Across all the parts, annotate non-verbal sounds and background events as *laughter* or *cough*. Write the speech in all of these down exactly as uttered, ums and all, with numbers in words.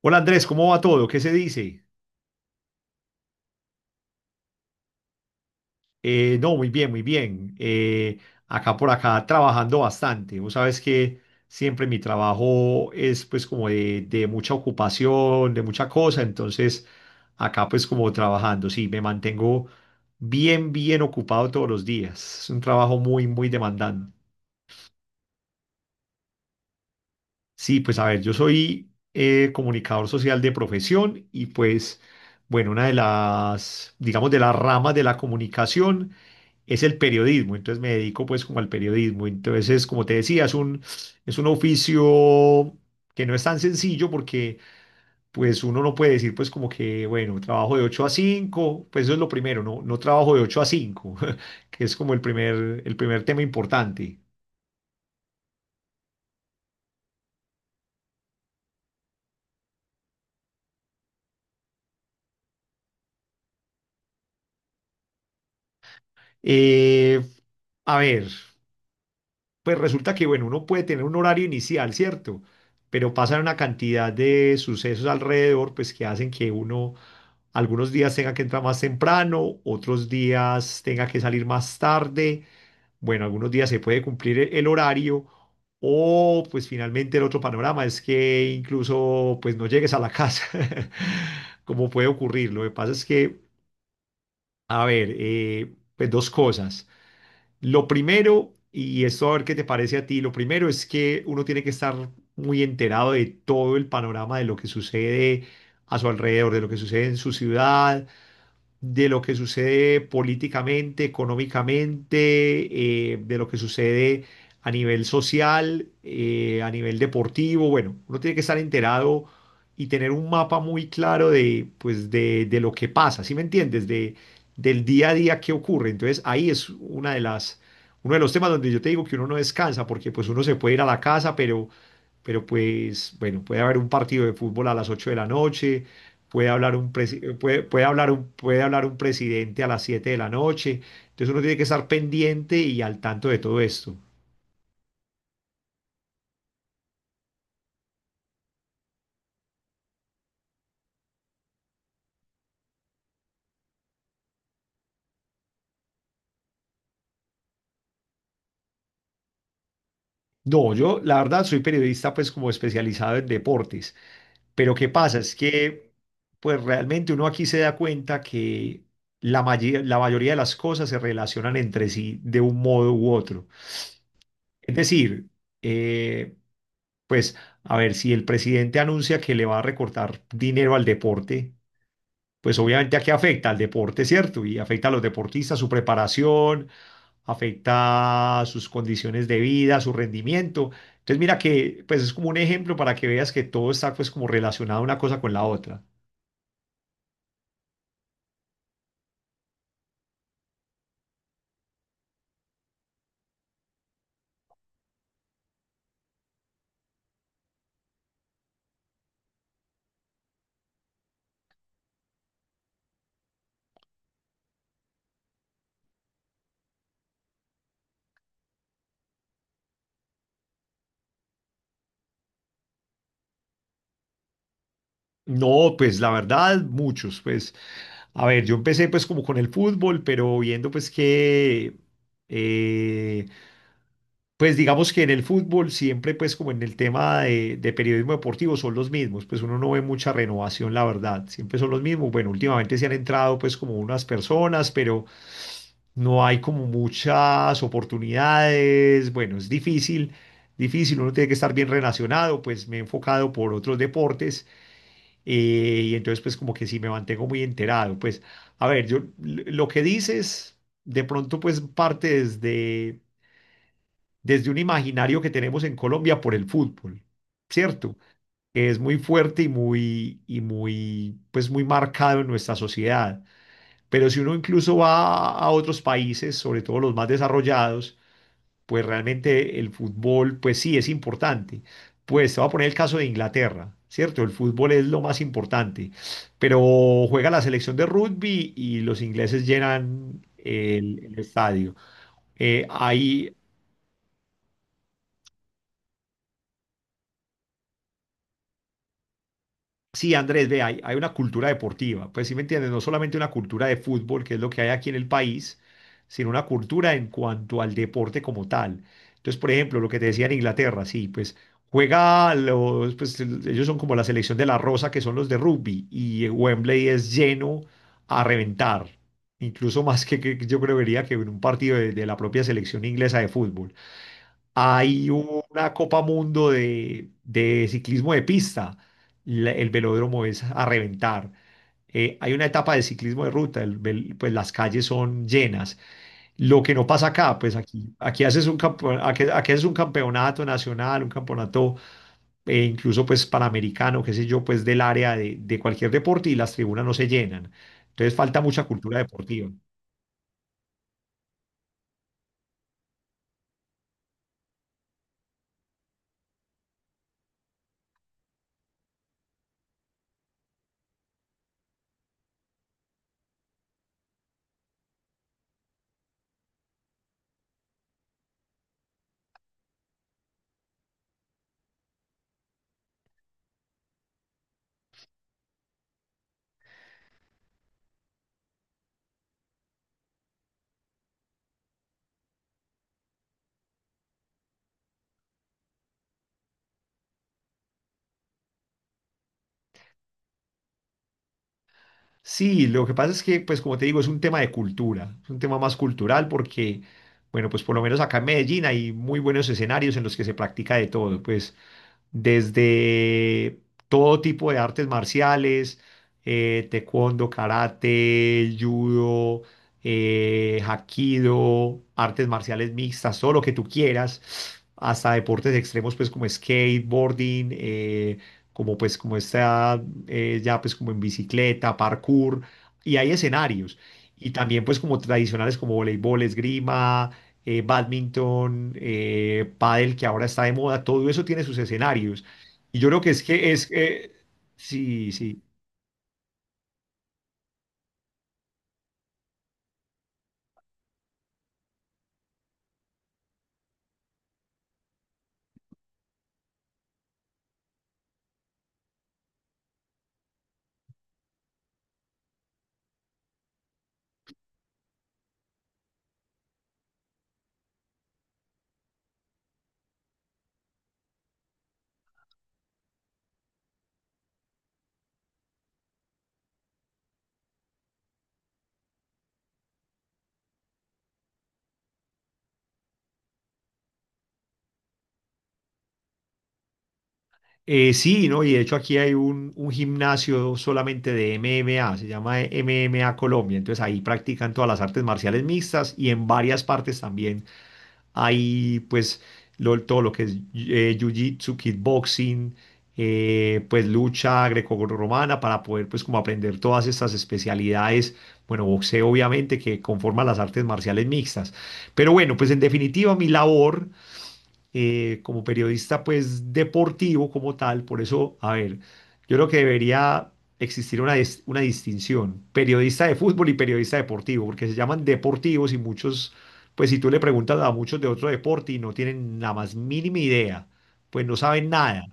Hola Andrés, ¿cómo va todo? ¿Qué se dice? Eh, no, muy bien, muy bien. Eh, Acá por acá trabajando bastante. Vos sabes que siempre mi trabajo es pues como de, de mucha ocupación, de mucha cosa. Entonces acá pues como trabajando, sí, me mantengo bien, bien ocupado todos los días. Es un trabajo muy, muy demandante. Sí, pues a ver, yo soy eh, comunicador social de profesión y pues, bueno, una de las, digamos, de las ramas de la comunicación es el periodismo, entonces me dedico pues como al periodismo. Entonces, como te decía, es un, es un oficio que no es tan sencillo porque pues uno no puede decir pues como que, bueno, trabajo de ocho a cinco, pues eso es lo primero, no, no trabajo de ocho a cinco *laughs* que es como el primer, el primer tema importante. Eh, a ver, pues resulta que, bueno, uno puede tener un horario inicial, ¿cierto? Pero pasan una cantidad de sucesos alrededor, pues que hacen que uno algunos días tenga que entrar más temprano, otros días tenga que salir más tarde. Bueno, algunos días se puede cumplir e- el horario o pues finalmente el otro panorama es que incluso pues no llegues a la casa, *laughs* como puede ocurrir. Lo que pasa es que, a ver, eh, pues dos cosas. Lo primero, y esto a ver qué te parece a ti, lo primero es que uno tiene que estar muy enterado de todo el panorama de lo que sucede a su alrededor, de lo que sucede en su ciudad, de lo que sucede políticamente, económicamente, eh, de lo que sucede a nivel social, eh, a nivel deportivo. Bueno, uno tiene que estar enterado y tener un mapa muy claro de, pues, de, de lo que pasa, ¿sí me entiendes? De, del día a día que ocurre. Entonces, ahí es una de las, uno de los temas donde yo te digo que uno no descansa, porque pues uno se puede ir a la casa, pero, pero pues, bueno, puede haber un partido de fútbol a las ocho de la noche, puede hablar un, presi- puede, puede hablar un, puede hablar un presidente a las siete de la noche. Entonces uno tiene que estar pendiente y al tanto de todo esto. No, yo la verdad soy periodista pues como especializado en deportes, pero ¿qué pasa? Es que pues realmente uno aquí se da cuenta que la, maye- la mayoría de las cosas se relacionan entre sí de un modo u otro. Es decir, eh, pues a ver, si el presidente anuncia que le va a recortar dinero al deporte, pues obviamente aquí afecta al deporte, ¿cierto? Y afecta a los deportistas, su preparación, afecta sus condiciones de vida, su rendimiento. Entonces mira que pues es como un ejemplo para que veas que todo está pues como relacionado una cosa con la otra. No, pues la verdad, muchos, pues, a ver, yo empecé pues como con el fútbol, pero viendo pues que, eh, pues digamos que en el fútbol siempre pues como en el tema de, de periodismo deportivo son los mismos, pues uno no ve mucha renovación, la verdad, siempre son los mismos. Bueno, últimamente se han entrado pues como unas personas, pero no hay como muchas oportunidades, bueno, es difícil, difícil, uno tiene que estar bien relacionado, pues me he enfocado por otros deportes, eh, y entonces, pues como que sí me mantengo muy enterado. Pues, a ver, yo l- lo que dices, de pronto, pues parte desde, desde un imaginario que tenemos en Colombia por el fútbol, ¿cierto? Que es muy fuerte y muy, y muy, pues muy marcado en nuestra sociedad. Pero si uno incluso va a a otros países, sobre todo los más desarrollados, pues realmente el fútbol, pues sí, es importante. Pues te voy a poner el caso de Inglaterra, ¿cierto? El fútbol es lo más importante, pero juega la selección de rugby y los ingleses llenan el, el estadio. Eh, hay, Sí, Andrés, ve, hay, hay una cultura deportiva, pues sí me entiendes, no solamente una cultura de fútbol, que es lo que hay aquí en el país, sino una cultura en cuanto al deporte como tal. Entonces, por ejemplo, lo que te decía en Inglaterra, sí, pues juega los, pues el- ellos son como la selección de la Rosa, que son los de rugby, y Wembley es lleno a reventar, incluso *laughs* más que, que yo creería que en un partido de de la propia selección inglesa de fútbol. Hay una Copa Mundo de, de ciclismo de pista. La- el velódromo es a reventar. Eh, hay una etapa de ciclismo de ruta. El vel- pues las calles son llenas. Lo que no pasa acá, pues aquí, aquí haces un campo- aquí, aquí haces un campeonato nacional, un campeonato eh, incluso pues panamericano, qué sé yo, pues del área de, de cualquier deporte y las tribunas no se llenan. Entonces falta mucha cultura deportiva. Sí, lo que pasa es que, pues como te digo, es un tema de cultura, es un tema más cultural porque, bueno, pues por lo menos acá en Medellín hay muy buenos escenarios en los que se practica de todo, pues desde todo tipo de artes marciales, eh, taekwondo, karate, judo, eh, hapkido, artes marciales mixtas, todo lo que tú quieras, hasta deportes extremos, pues como skateboarding, eh, como pues como este eh, ya pues como en bicicleta, parkour, y hay escenarios. Y también pues como tradicionales como voleibol, esgrima, eh, badminton, eh, pádel, que ahora está de moda, todo eso tiene sus escenarios. Y yo creo que es que es... eh, sí, sí. Eh, sí, ¿no? Y de hecho aquí hay un, un gimnasio solamente de M M A, se llama M M A Colombia, entonces ahí practican todas las artes marciales mixtas y en varias partes también hay pues lo- todo lo que es eh, jiu-jitsu, kickboxing, eh, pues lucha grecorromana para poder pues como aprender todas estas especialidades. Bueno, boxeo obviamente que conforma las artes marciales mixtas. Pero bueno, pues en definitiva mi labor eh, como periodista pues deportivo como tal. Por eso, a ver, yo creo que debería existir una, dis- una distinción, periodista de fútbol y periodista deportivo, porque se llaman deportivos y muchos, pues si tú le preguntas a muchos de otro deporte y no tienen la más mínima idea, pues no saben nada.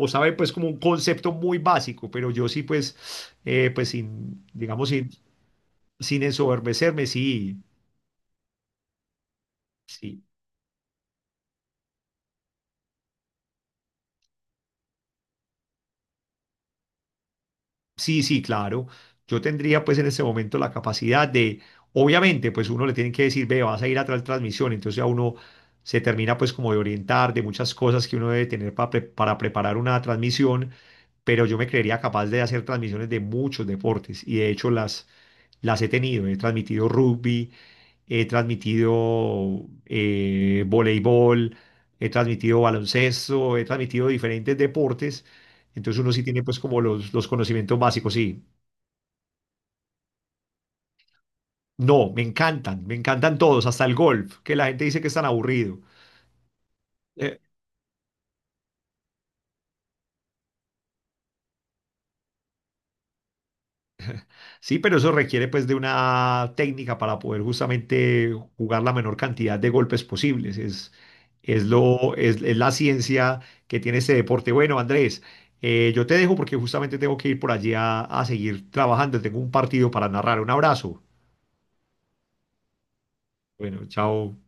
O saben pues como un concepto muy básico, pero yo sí pues, eh, pues sin, digamos, sin, sin ensoberbecerme, sí, sí. Sí, sí, claro. Yo tendría pues en este momento la capacidad de, obviamente, pues uno le tiene que decir, ve, vas a ir a tal transmisión, entonces a uno se termina pues como de orientar de muchas cosas que uno debe tener para, para preparar una transmisión, pero yo me creería capaz de hacer transmisiones de muchos deportes y de hecho las, las he tenido, he transmitido rugby, he transmitido eh, voleibol, he transmitido baloncesto, he transmitido diferentes deportes. Entonces uno sí tiene pues como los, los conocimientos básicos, sí. No, me encantan, me encantan todos, hasta el golf, que la gente dice que es tan aburrido. Eh, Sí, pero eso requiere pues de una técnica para poder justamente jugar la menor cantidad de golpes posibles. Es, es lo, es, es la ciencia que tiene este deporte. Bueno, Andrés, eh, yo te dejo porque justamente tengo que ir por allí a, a seguir trabajando. Tengo un partido para narrar. Un abrazo. Bueno, chao.